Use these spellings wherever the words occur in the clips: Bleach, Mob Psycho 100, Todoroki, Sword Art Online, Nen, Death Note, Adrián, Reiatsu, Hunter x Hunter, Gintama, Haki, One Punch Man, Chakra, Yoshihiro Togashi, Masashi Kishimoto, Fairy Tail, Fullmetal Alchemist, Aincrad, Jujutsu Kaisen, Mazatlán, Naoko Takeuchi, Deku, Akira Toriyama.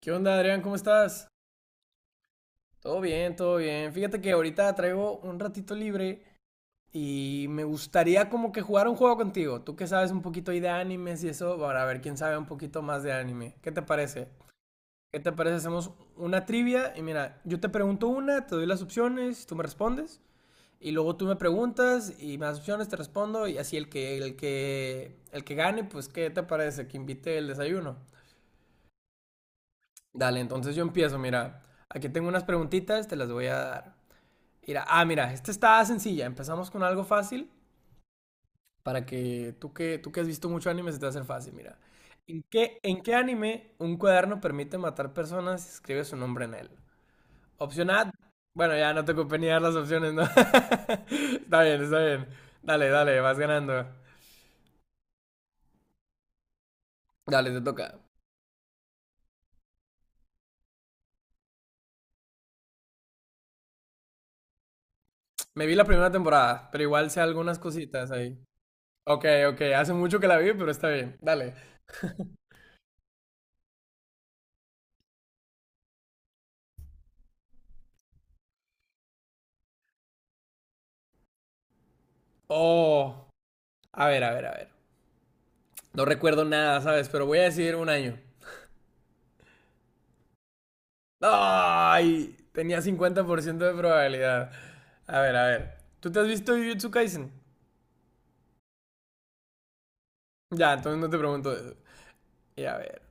¿Qué onda, Adrián? ¿Cómo estás? Todo bien, todo bien. Fíjate que ahorita traigo un ratito libre y me gustaría como que jugar un juego contigo. Tú que sabes un poquito ahí de animes y eso, para ver quién sabe un poquito más de anime. ¿Qué te parece? ¿Qué te parece? Hacemos una trivia y mira, yo te pregunto una, te doy las opciones, tú me respondes y luego tú me preguntas y me das opciones, te respondo y así el que gane, pues ¿qué te parece? Que invite el desayuno. Dale, entonces yo empiezo, mira. Aquí tengo unas preguntitas, te las voy a dar. Mira, ah, mira, esta está sencilla. Empezamos con algo fácil para que tú que has visto mucho anime se te va a hacer fácil, mira. ¿En qué anime un cuaderno permite matar personas si escribe su nombre en él? Opción A. Bueno, ya no te ocupé ni dar las opciones, ¿no? Está bien, está bien. Dale, dale, vas ganando. Dale, te toca. Me vi la primera temporada, pero igual sé algunas cositas ahí. Ok, ok, hace mucho que la vi, pero está bien. Dale. Oh, a ver. No recuerdo nada, ¿sabes? Pero voy a decir un año. Ay, tenía 50% de probabilidad. A ver, a ver. ¿Tú te has visto Jujutsu Kaisen? Ya, entonces no te pregunto eso. Y a ver.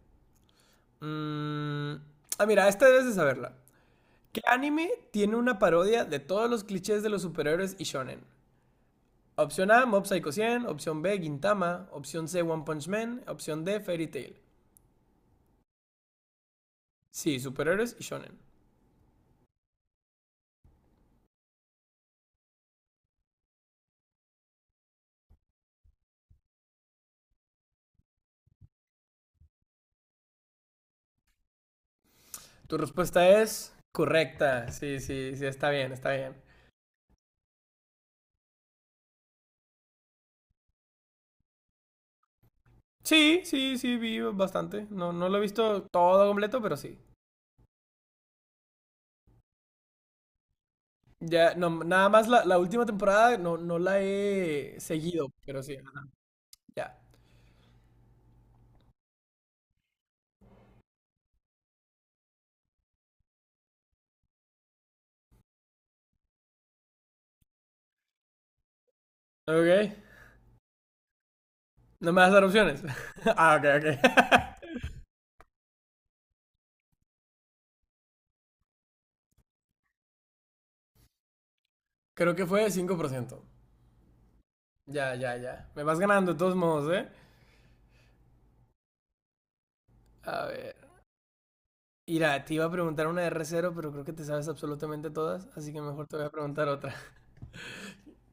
mm, Ah, mira, esta debes de saberla. ¿Qué anime tiene una parodia de todos los clichés de los superhéroes y shonen? Opción A, Mob Psycho 100. Opción B, Gintama. Opción C, One Punch Man. Opción D, Fairy Tail. Sí, superhéroes y shonen. Tu respuesta es correcta. Sí, sí, sí, está bien, está bien. Sí, sí, sí, vi bastante. No, no lo he visto todo completo, pero sí. Ya, no, nada más la última temporada no, no la he seguido, pero sí, ajá, ya. Ok, no me vas a dar opciones. Ah, ok, ok. Creo que fue 5%. Ya, ya, ya. Me vas ganando de todos modos, ¿eh? A ver. Mira, te iba a preguntar una de r cero, pero creo que te sabes absolutamente todas, así que mejor te voy a preguntar otra.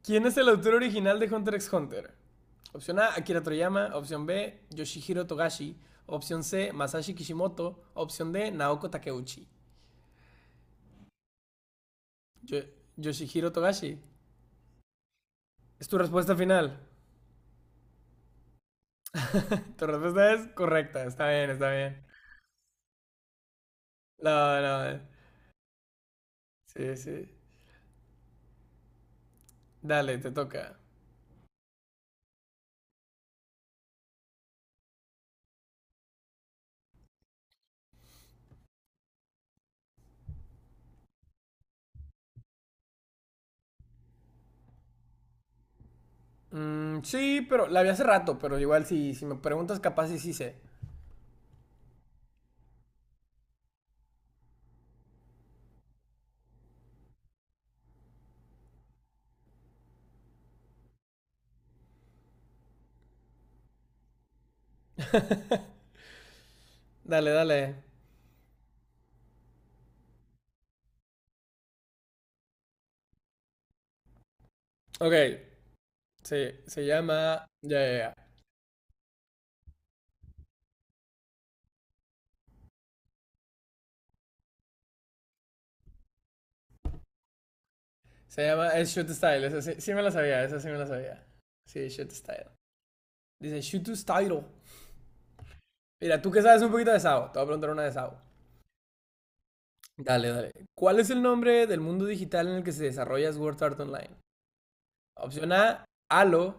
¿Quién es el autor original de Hunter x Hunter? Opción A, Akira Toriyama. Opción B, Yoshihiro Togashi. Opción C, Masashi Kishimoto. Opción D, Naoko Takeuchi. Yo- Yoshihiro Togashi. Es tu respuesta final. Tu respuesta es correcta. Está bien, está bien. No, no. Sí, sí. Dale, te toca. Mm, sí, pero la vi hace rato, pero igual si, si me preguntas, capaz sí, sí sé. Dale, dale. Ok. Sí, se llama. Ya, ya, ya. Se llama, es Shoot Style, esa sí, sí me la sabía, esa sí me la sabía. Sí, Shoot Style. Dice Shoot Style. Mira, tú que sabes un poquito de SAO, te voy a preguntar una de SAO. Dale, dale. ¿Cuál es el nombre del mundo digital en el que se desarrolla Sword Art Online? Opción A, Halo.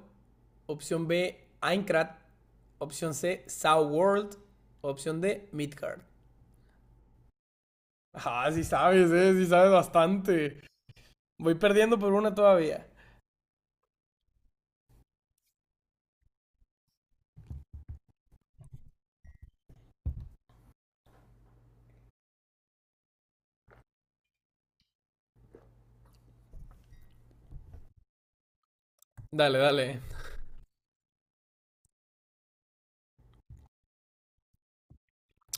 Opción B, Aincrad. Opción C, SAO World. Opción D, Midgard. Ah, sí sabes bastante. Voy perdiendo por una todavía. Dale, dale.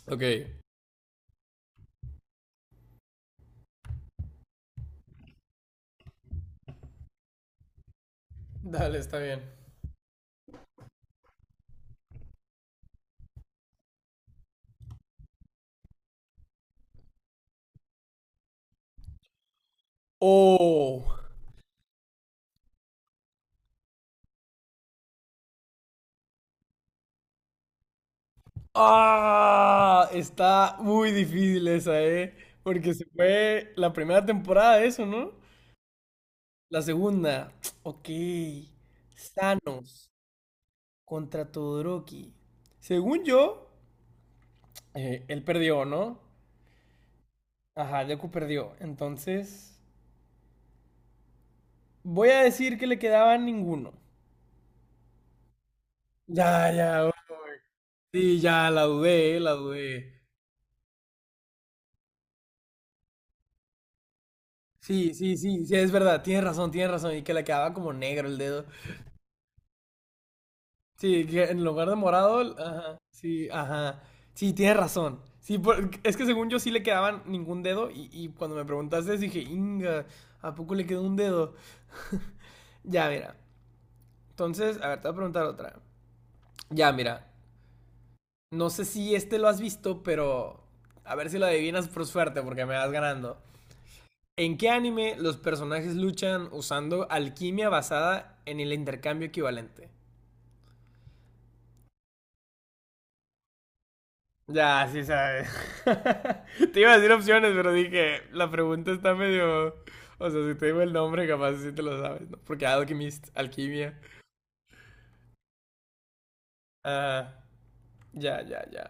Ok. Dale, está bien. Oh, ah, está muy difícil esa, ¿eh? Porque se fue la primera temporada de eso, ¿no? La segunda. Ok. Thanos contra Todoroki. Según yo, él perdió, ¿no? Ajá, Deku perdió. Entonces, voy a decir que le quedaba ninguno. Ya, ya, sí, ya, la dudé, la dudé. Sí, sí, sí, sí, es verdad, tienes razón, tienes razón. Y que le quedaba como negro el dedo. Sí, que en lugar de morado, ajá, sí, ajá. Sí, tienes razón. Sí, por- es que según yo sí le quedaban ningún dedo y cuando me preguntaste dije, Inga, ¿a poco le quedó un dedo? Ya, mira. Entonces, a ver, te voy a preguntar otra. Ya, mira. No sé si este lo has visto, pero a ver si lo adivinas por suerte porque me vas ganando. ¿En qué anime los personajes luchan usando alquimia basada en el intercambio equivalente? Ya, sí sabes. Te iba a decir opciones, pero dije, la pregunta está medio. O sea, si te digo el nombre, capaz sí te lo sabes, ¿no? Porque Alchemist, alquimia. Ah, ya, ya, ya.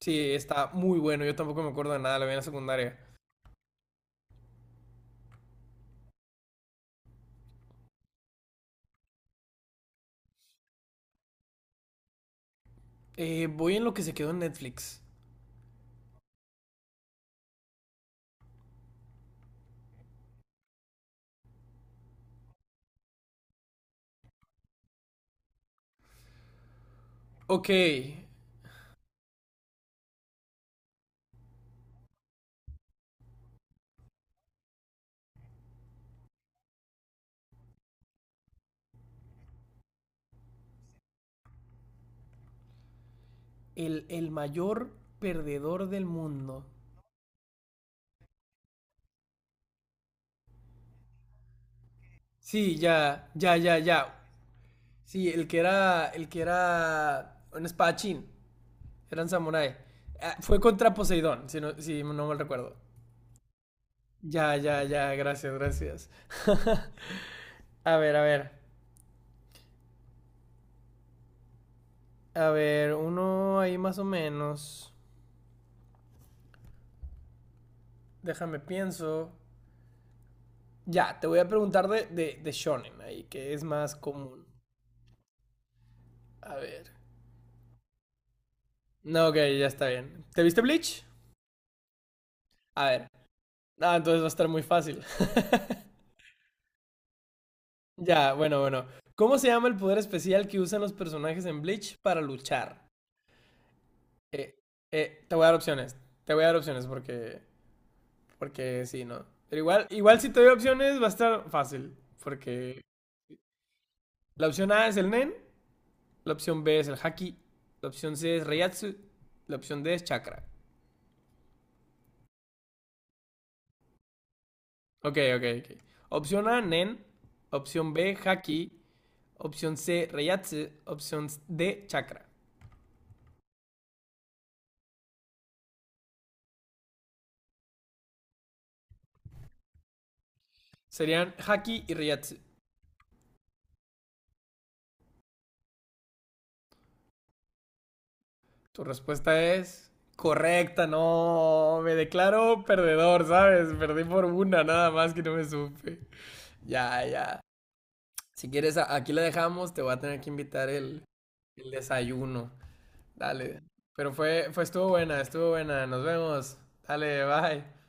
Sí, está muy bueno. Yo tampoco me acuerdo de nada, lo vi en la secundaria. Voy en lo que se quedó en Netflix. Ok, el mayor perdedor del mundo. Sí, ya, ya, ya, ya. Sí, el que era un espadachín. Eran samurái. Ah, fue contra Poseidón, si no, si no mal recuerdo. Ya, ya, ya, gracias, gracias. A ver, a ver. A ver, uno ahí más o menos. Déjame pienso. Ya, te voy a preguntar de shonen ahí, que es más común. A ver. No, ok, ya está bien. ¿Te viste Bleach? A ver. Ah, entonces va a estar muy fácil. Ya, bueno, bueno. ¿Cómo se llama el poder especial que usan los personajes en Bleach para luchar? Eh, te voy a dar opciones. Te voy a dar opciones porque, porque sí, ¿no? Pero igual, igual si te doy opciones va a estar fácil. Porque la opción A es el Nen, la opción B es el Haki, la opción C es Reiatsu, la opción D es Chakra. Ok, ok, ok. Opción A, Nen. Opción B, Haki. Opción C, Reiatsu. Opción D, Chakra. Serían Haki y Reiatsu. Tu respuesta es correcta, no, me declaro perdedor, ¿sabes? Perdí por una, nada más que no me supe. Ya, ya. Si quieres, aquí la dejamos, te voy a tener que invitar el desayuno. Dale. Pero estuvo buena, estuvo buena. Nos vemos. Dale, bye.